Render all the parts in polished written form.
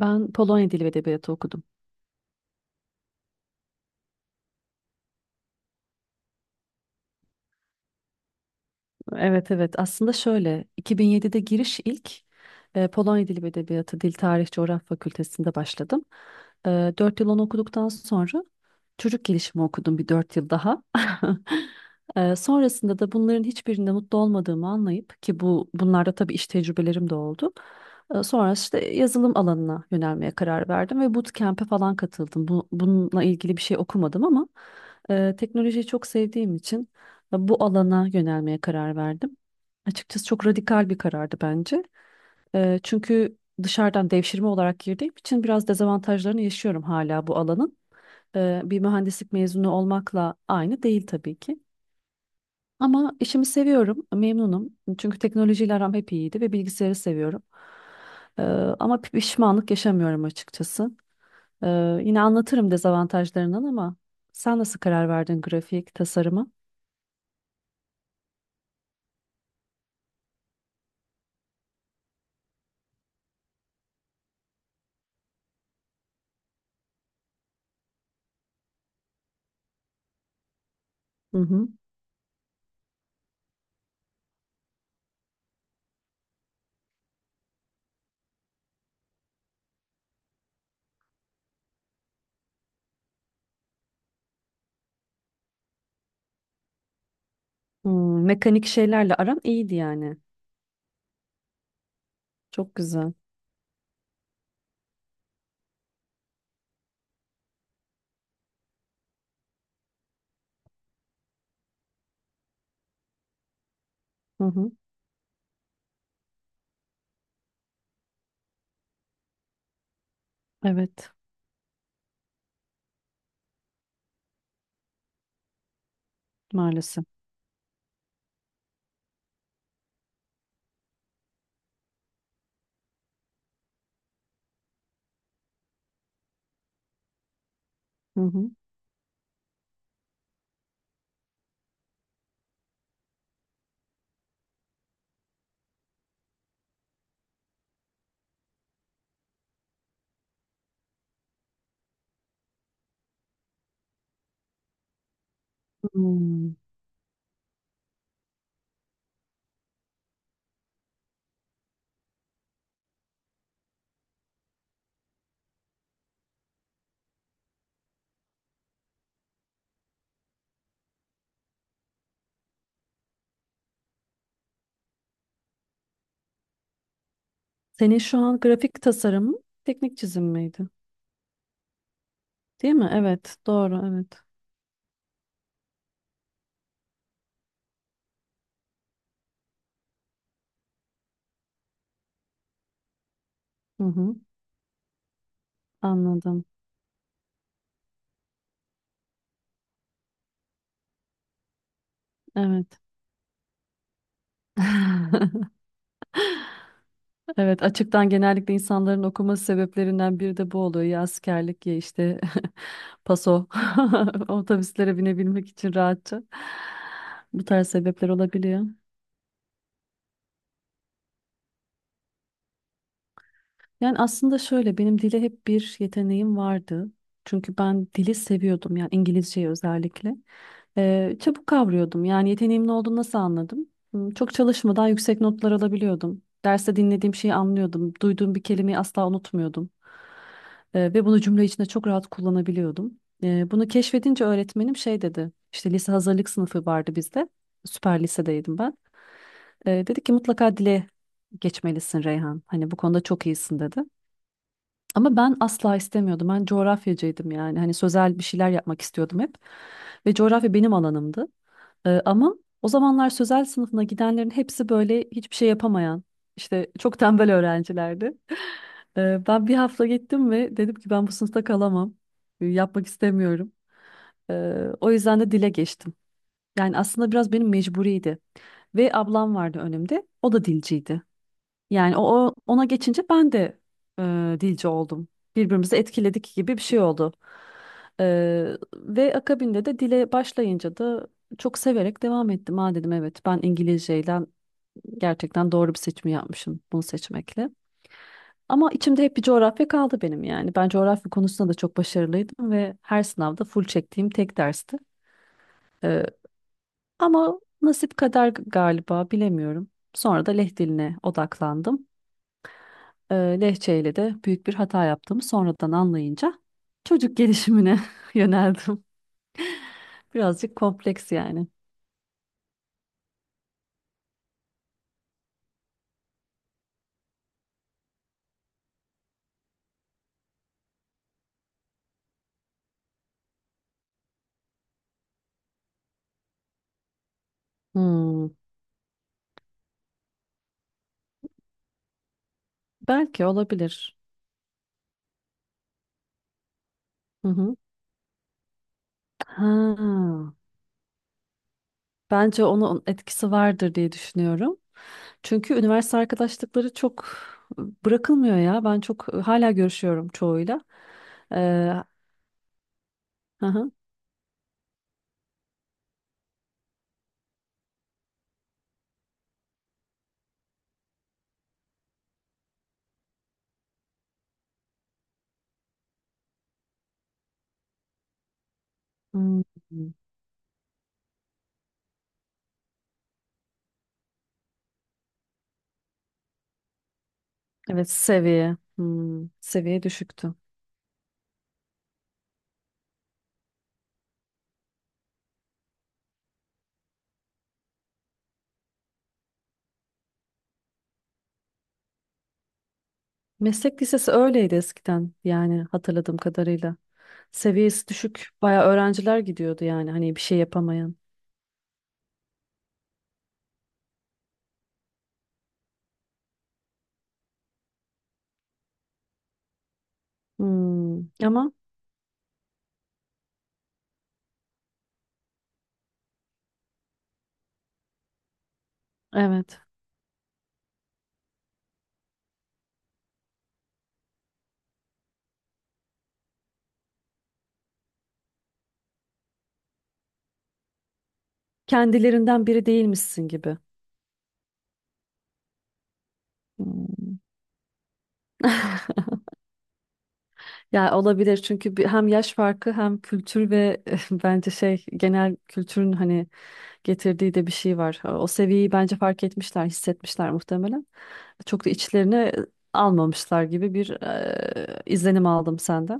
Ben Polonya Dili ve Edebiyatı okudum. Evet, aslında şöyle 2007'de giriş ilk Polonya Dili ve Edebiyatı Dil Tarih Coğrafya Fakültesinde başladım. E, dört yıl onu okuduktan sonra çocuk gelişimi okudum bir 4 yıl daha. Sonrasında da bunların hiçbirinde mutlu olmadığımı anlayıp ki bunlarda tabii iş tecrübelerim de oldu. Sonra işte yazılım alanına yönelmeye karar verdim ve bootcamp'e falan katıldım. Bununla ilgili bir şey okumadım ama teknolojiyi çok sevdiğim için bu alana yönelmeye karar verdim. Açıkçası çok radikal bir karardı bence. Çünkü dışarıdan devşirme olarak girdiğim için biraz dezavantajlarını yaşıyorum hala bu alanın. Bir mühendislik mezunu olmakla aynı değil tabii ki. Ama işimi seviyorum, memnunum. Çünkü teknolojiyle aram hep iyiydi ve bilgisayarı seviyorum. Eee, Ama pişmanlık yaşamıyorum açıkçası. Yine anlatırım dezavantajlarından ama sen nasıl karar verdin grafik tasarıma? Hı hı. Hmm, mekanik şeylerle aran iyiydi yani. Çok güzel. Hı hı. Evet, maalesef. Hı hı. Hmm. Senin şu an grafik tasarım mı, teknik çizim miydi? Değil mi? Evet, doğru, evet. Hı hı. Anladım. Evet. Evet, açıktan genellikle insanların okuması sebeplerinden biri de bu oluyor. Ya askerlik ya işte paso otobüslere binebilmek için rahatça. Bu tarz sebepler olabiliyor. Yani aslında şöyle benim dile hep bir yeteneğim vardı. Çünkü ben dili seviyordum yani İngilizceyi özellikle. Çabuk kavrıyordum. Yani yeteneğimin olduğunu nasıl anladım? Hmm, çok çalışmadan yüksek notlar alabiliyordum. Derste dinlediğim şeyi anlıyordum. Duyduğum bir kelimeyi asla unutmuyordum. Ve bunu cümle içinde çok rahat kullanabiliyordum. Bunu keşfedince öğretmenim şey dedi. İşte lise hazırlık sınıfı vardı bizde. Süper lisedeydim ben. Dedi ki mutlaka dile geçmelisin Reyhan. Hani bu konuda çok iyisin dedi. Ama ben asla istemiyordum. Ben coğrafyacıydım yani. Hani sözel bir şeyler yapmak istiyordum hep. Ve coğrafya benim alanımdı. Ama o zamanlar sözel sınıfına gidenlerin hepsi böyle hiçbir şey yapamayan, işte çok tembel öğrencilerdi. Ben bir hafta gittim ve dedim ki ben bu sınıfta kalamam. Yapmak istemiyorum. Ee, O yüzden de dile geçtim. Yani aslında biraz benim mecburiydi. Ve ablam vardı önümde. O da dilciydi. Yani ona geçince ben de dilci oldum. Birbirimizi etkiledik gibi bir şey oldu. E, Ve akabinde de dile başlayınca da çok severek devam ettim. Ha dedim evet ben İngilizceyle gerçekten doğru bir seçimi yapmışım bunu seçmekle. Ama içimde hep bir coğrafya kaldı benim yani. Ben coğrafya konusunda da çok başarılıydım ve her sınavda full çektiğim tek dersti. E, Ama nasip kader galiba bilemiyorum. Sonra da Leh diline odaklandım. e, Lehçeyle de büyük bir hata yaptığımı sonradan anlayınca çocuk gelişimine yöneldim. Birazcık kompleks yani. Hmm, belki olabilir. Hı hı. Ha, bence onun etkisi vardır diye düşünüyorum. Çünkü üniversite arkadaşlıkları çok bırakılmıyor ya. Ben çok hala görüşüyorum çoğuyla. Ee, hı hı. Hmm. Evet, seviye. Hmm, seviye düşüktü. Meslek lisesi öyleydi eskiden yani hatırladığım kadarıyla. Seviyesi düşük bayağı öğrenciler gidiyordu yani hani bir şey yapamayan. Hmm, ama evet kendilerinden biri değilmişsin gibi. Hmm. Ya olabilir çünkü hem yaş farkı hem kültür ve bence şey genel kültürün hani getirdiği de bir şey var. O seviyeyi bence fark etmişler, hissetmişler muhtemelen. Çok da içlerine almamışlar gibi bir izlenim aldım senden.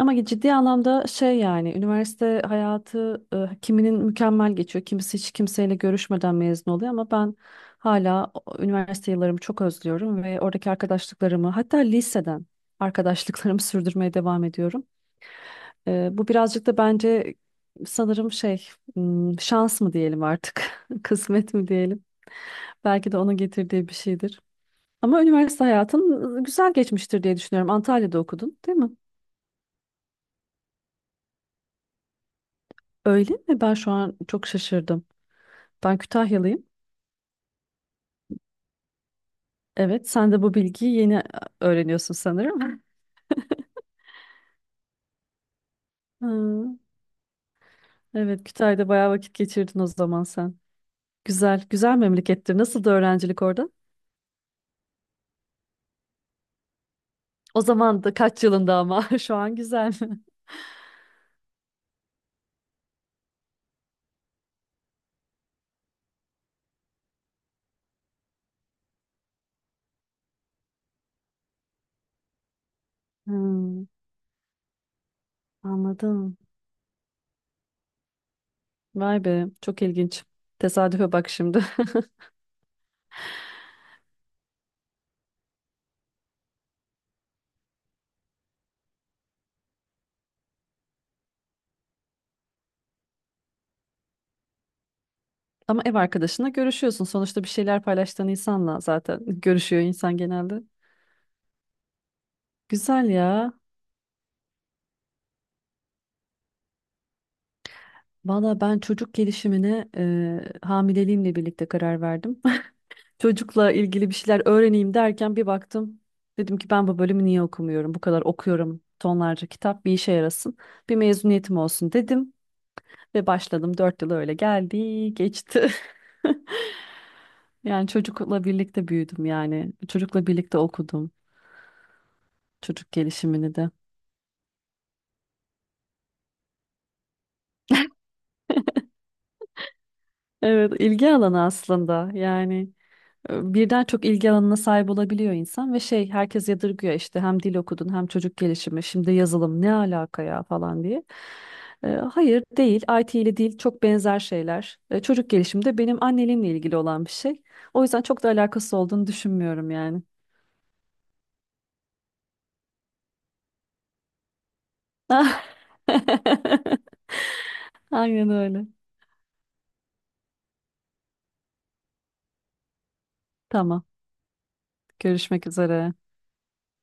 Ama ciddi anlamda şey yani üniversite hayatı kiminin mükemmel geçiyor. Kimisi hiç kimseyle görüşmeden mezun oluyor ama ben hala üniversite yıllarımı çok özlüyorum ve oradaki arkadaşlıklarımı hatta liseden arkadaşlıklarımı sürdürmeye devam ediyorum. Bu birazcık da bence sanırım şey hmm, şans mı diyelim artık kısmet mi diyelim belki de onun getirdiği bir şeydir. Ama üniversite hayatın güzel geçmiştir diye düşünüyorum. Antalya'da okudun, değil mi? Öyle mi? Ben şu an çok şaşırdım. Ben Kütahyalıyım. Evet, sen de bu bilgiyi yeni öğreniyorsun sanırım. Hı, evet, Kütahya'da bayağı vakit geçirdin o zaman sen. Güzel, güzel memlekettir. Nasıl da öğrencilik orada? O zaman da kaç yılında ama şu an güzel. Hmm, anladım. Vay be, çok ilginç. Tesadüfe bak şimdi. Ama ev arkadaşına görüşüyorsun. Sonuçta bir şeyler paylaştığın insanla zaten görüşüyor insan genelde. Güzel ya. Valla ben çocuk gelişimine hamileliğimle birlikte karar verdim. Çocukla ilgili bir şeyler öğreneyim derken bir baktım. Dedim ki ben bu bölümü niye okumuyorum? Bu kadar okuyorum tonlarca kitap bir işe yarasın. Bir mezuniyetim olsun dedim ve başladım. 4 yıl öyle geldi geçti. Yani çocukla birlikte büyüdüm yani. Çocukla birlikte okudum çocuk gelişimini de. Evet, ilgi alanı aslında yani. Birden çok ilgi alanına sahip olabiliyor insan ve şey herkes yadırgıyor işte hem dil okudun hem çocuk gelişimi şimdi yazılım ne alaka ya falan diye. Hayır değil, IT ile dil çok benzer şeyler. Çocuk gelişimi de benim anneliğimle ilgili olan bir şey. O yüzden çok da alakası olduğunu düşünmüyorum yani. Aynen öyle. Tamam. Görüşmek üzere.